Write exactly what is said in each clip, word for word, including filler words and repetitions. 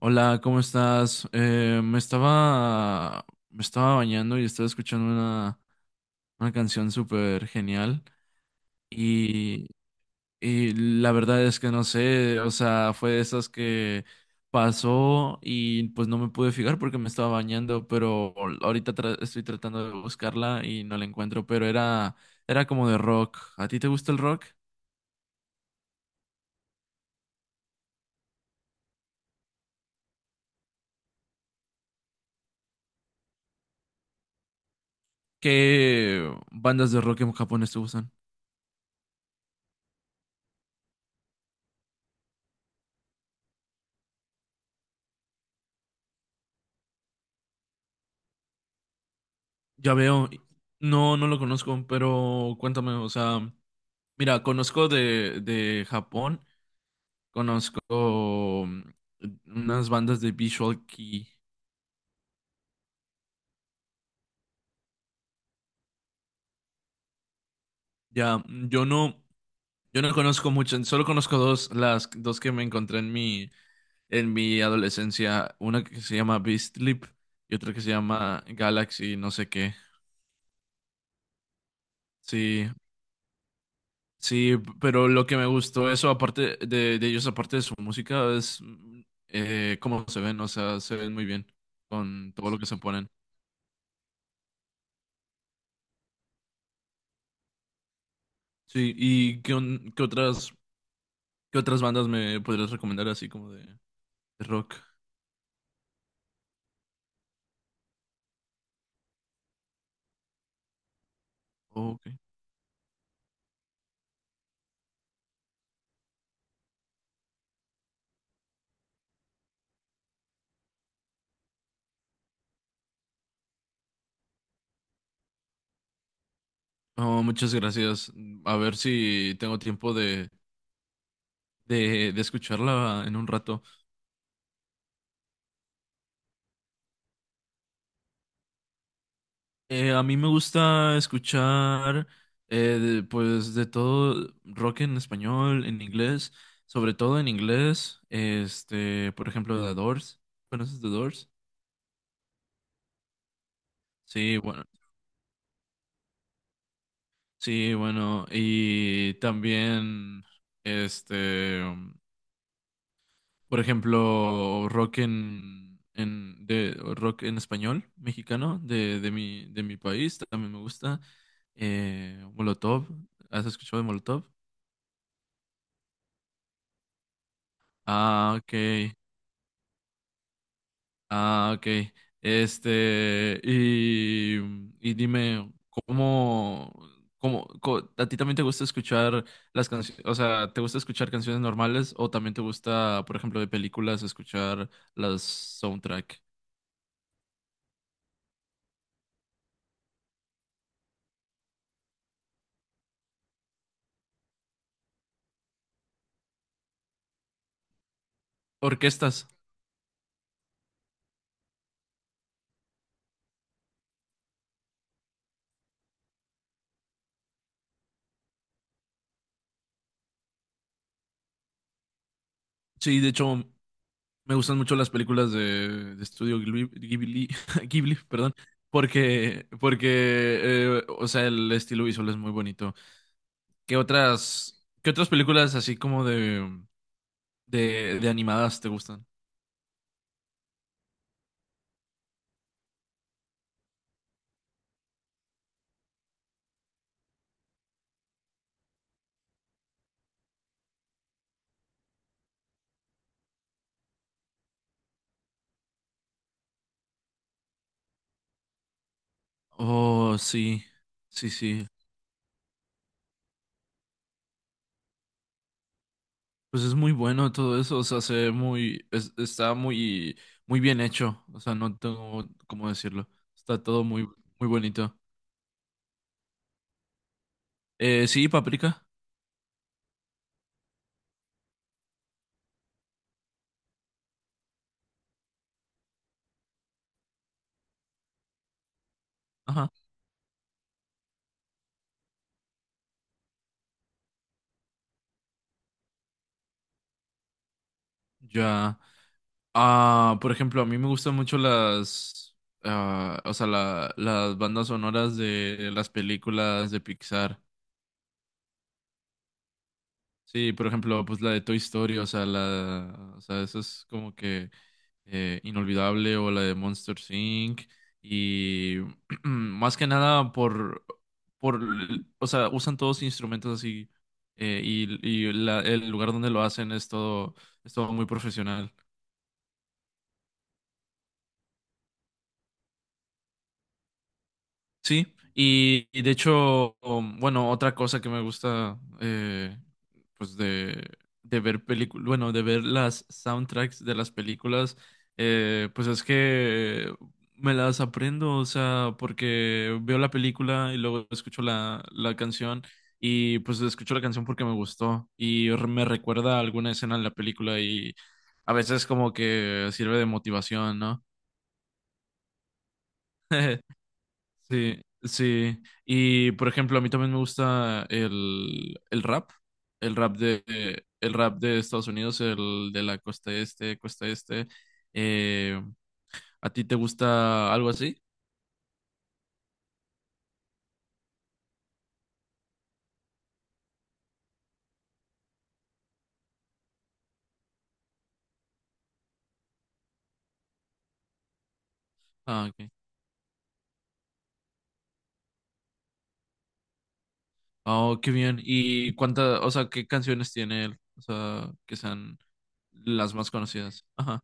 Hola, ¿cómo estás? Eh, me estaba, me estaba bañando y estaba escuchando una, una canción súper genial y, y la verdad es que no sé, o sea, fue de esas que pasó y pues no me pude fijar porque me estaba bañando, pero ahorita tra- estoy tratando de buscarla y no la encuentro, pero era, era como de rock. ¿A ti te gusta el rock? ¿Qué bandas de rock en japonés te gustan? Ya veo, no, no lo conozco, pero cuéntame, o sea, mira, conozco de, de Japón, conozco mm, unas bandas de Visual Kei. Ya, mm, yo no, yo no conozco mucho, solo conozco dos, las dos que me encontré en mi, en mi adolescencia, una que se llama Beastly y otra que se llama Galaxy, no sé qué. Sí, Sí, pero lo que me gustó eso, aparte de, de ellos, aparte de su música, es mm, eh, cómo se ven, o sea, se ven muy bien con todo lo que se ponen. Sí, ¿y qué, on- qué otras, qué otras bandas me podrías recomendar así como de, de rock? Oh, ok. Oh, muchas gracias. A ver si tengo tiempo de, de, de escucharla en un rato. Eh, a mí me gusta escuchar eh, de- pues de todo rock en español, en inglés, sobre todo en inglés, este, por ejemplo, The Doors. ¿Conoces The Doors? Sí, bueno, sí, bueno, y también este, por ejemplo, rock en en de rock en español mexicano de de mi de mi país también me gusta. Eh, Molotov, ¿has escuchado de Molotov? Ah, ok. Ah, ok. Este, y, y dime, ¿cómo, cómo, co- ¿a ti también te gusta escuchar las canciones? O sea, ¿te gusta escuchar canciones normales o también te gusta, por ejemplo, de películas, escuchar las soundtrack? Orquestas. Sí, de hecho, me gustan mucho las películas de, de Estudio Ghibli, Ghibli, Ghibli, perdón, porque, porque, eh, o sea, el estilo visual es muy bonito. ¿Qué otras, qué otras películas así como de... De, de animadas te gustan. Oh, sí, sí, sí. Pues es muy bueno todo eso, o sea, se ve muy, es- está muy, muy bien hecho, o sea, no tengo cómo decirlo. Está todo muy, muy bonito. Eh, sí, Paprika. Ajá. Ya. Ah, por ejemplo, a mí me gustan mucho las, ah, o sea, la- las bandas sonoras de las películas de Pixar. Sí, por ejemplo, pues la de Toy Story, o sea, la, o sea, eso es como que eh, inolvidable, o la de Monsters inc. Y más que nada por, por, l- o sea, usan todos instrumentos así eh, y, y la- el lugar donde lo hacen es todo, es todo muy profesional. Sí, y, y de hecho, um, bueno, otra cosa que me gusta, eh, pues de, de ver películas, bueno, de ver las soundtracks de las películas, eh, pues es que eh, me las aprendo, o sea, porque veo la película y luego escucho la, la canción y pues escucho la canción porque me gustó y r- me recuerda a alguna escena en la película y a veces como que sirve de motivación, ¿no? Sí, sí. Y por ejemplo, a mí también me gusta el, el rap, el rap, de el rap de Estados Unidos, el de la costa este, costa este. Eh, ¿a ti te gusta algo así? Ah, ok. Oh, qué bien. ¿Y cuántas, o sea, qué canciones tiene él? O sea, que sean las más conocidas. Ajá.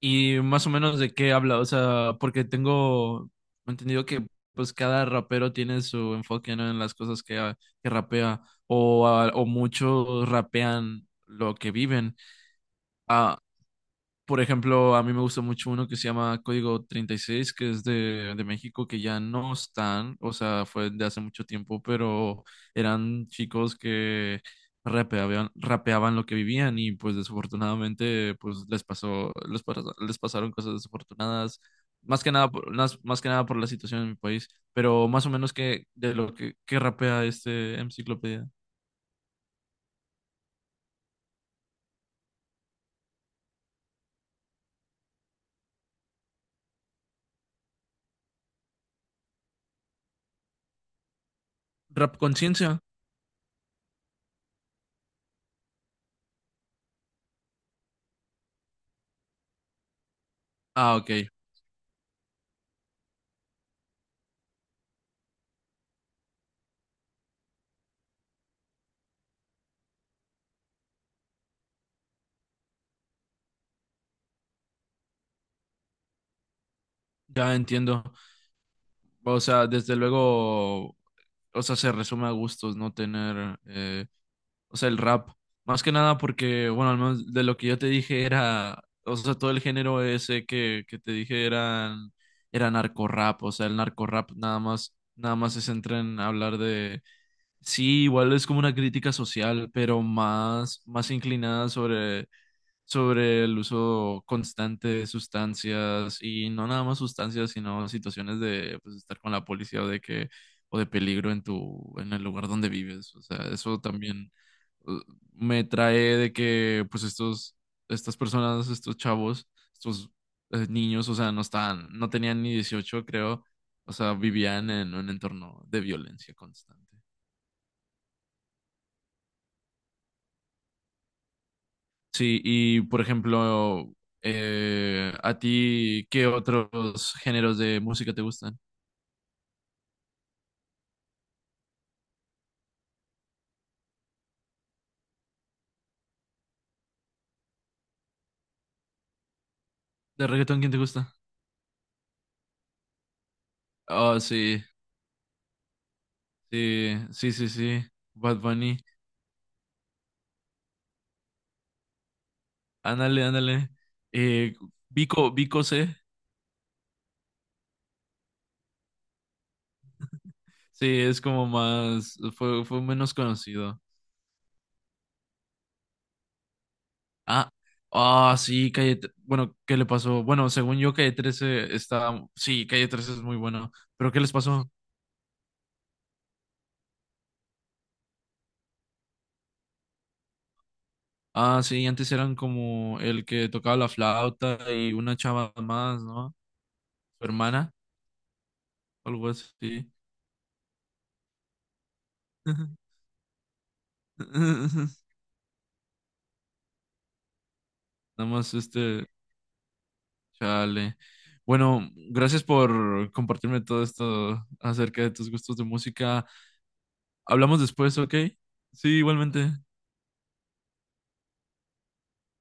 Y más o menos de qué habla, o sea, porque tengo entendido que pues cada rapero tiene su enfoque, ¿no? En las cosas que, que rapea o, a- o muchos rapean lo que viven. Ah, por ejemplo, a mí me gusta mucho uno que se llama Código treinta y seis, que es de, de México, que ya no están, o sea, fue de hace mucho tiempo, pero eran chicos que rapeaban, rapeaban lo que vivían y pues desafortunadamente pues les pasó, les, pas- les pasaron cosas desafortunadas, más que nada, por- más, más que nada por la situación en mi país, pero más o menos que de lo que, que rapea este enciclopedia. Rap Conciencia. Ah, ok, ya entiendo. O sea, desde luego, o sea, se resume a gustos no tener, eh, o sea, el rap. Más que nada porque, bueno, al menos de lo que yo te dije era, o sea, todo el género ese que, que te dije eran, era narco rap, o sea, el narco rap nada más, nada más se centra en hablar de, sí, igual es como una crítica social, pero más, más inclinada sobre sobre el uso constante de sustancias y no nada más sustancias, sino situaciones de pues, estar con la policía o de que o de peligro en tu en el lugar donde vives. O sea, eso también uh, me trae de que pues estos estas personas, estos chavos, estos eh, niños, o sea, no estaban, no tenían ni dieciocho creo. O sea, vivían en un entorno de violencia constante. Sí, y por ejemplo, eh, ¿a ti qué otros géneros de música te gustan? ¿De reggaetón quién te gusta? Oh, sí, sí, sí, sí, sí. Bad Bunny. Ándale, ándale. Eh, Vico, Vico C. Sí, es como más, fue, fue menos conocido. Ah, ah, sí, Calle, Tre- bueno, ¿qué le pasó? Bueno, según yo, Calle trece está, sí, Calle trece es muy bueno, pero ¿qué les pasó? Ah, sí, antes eran como el que tocaba la flauta y una chava más, ¿no? Su hermana, algo así. Nada más este, chale. Bueno, gracias por compartirme todo esto acerca de tus gustos de música. Hablamos después, ¿ok? Sí, igualmente.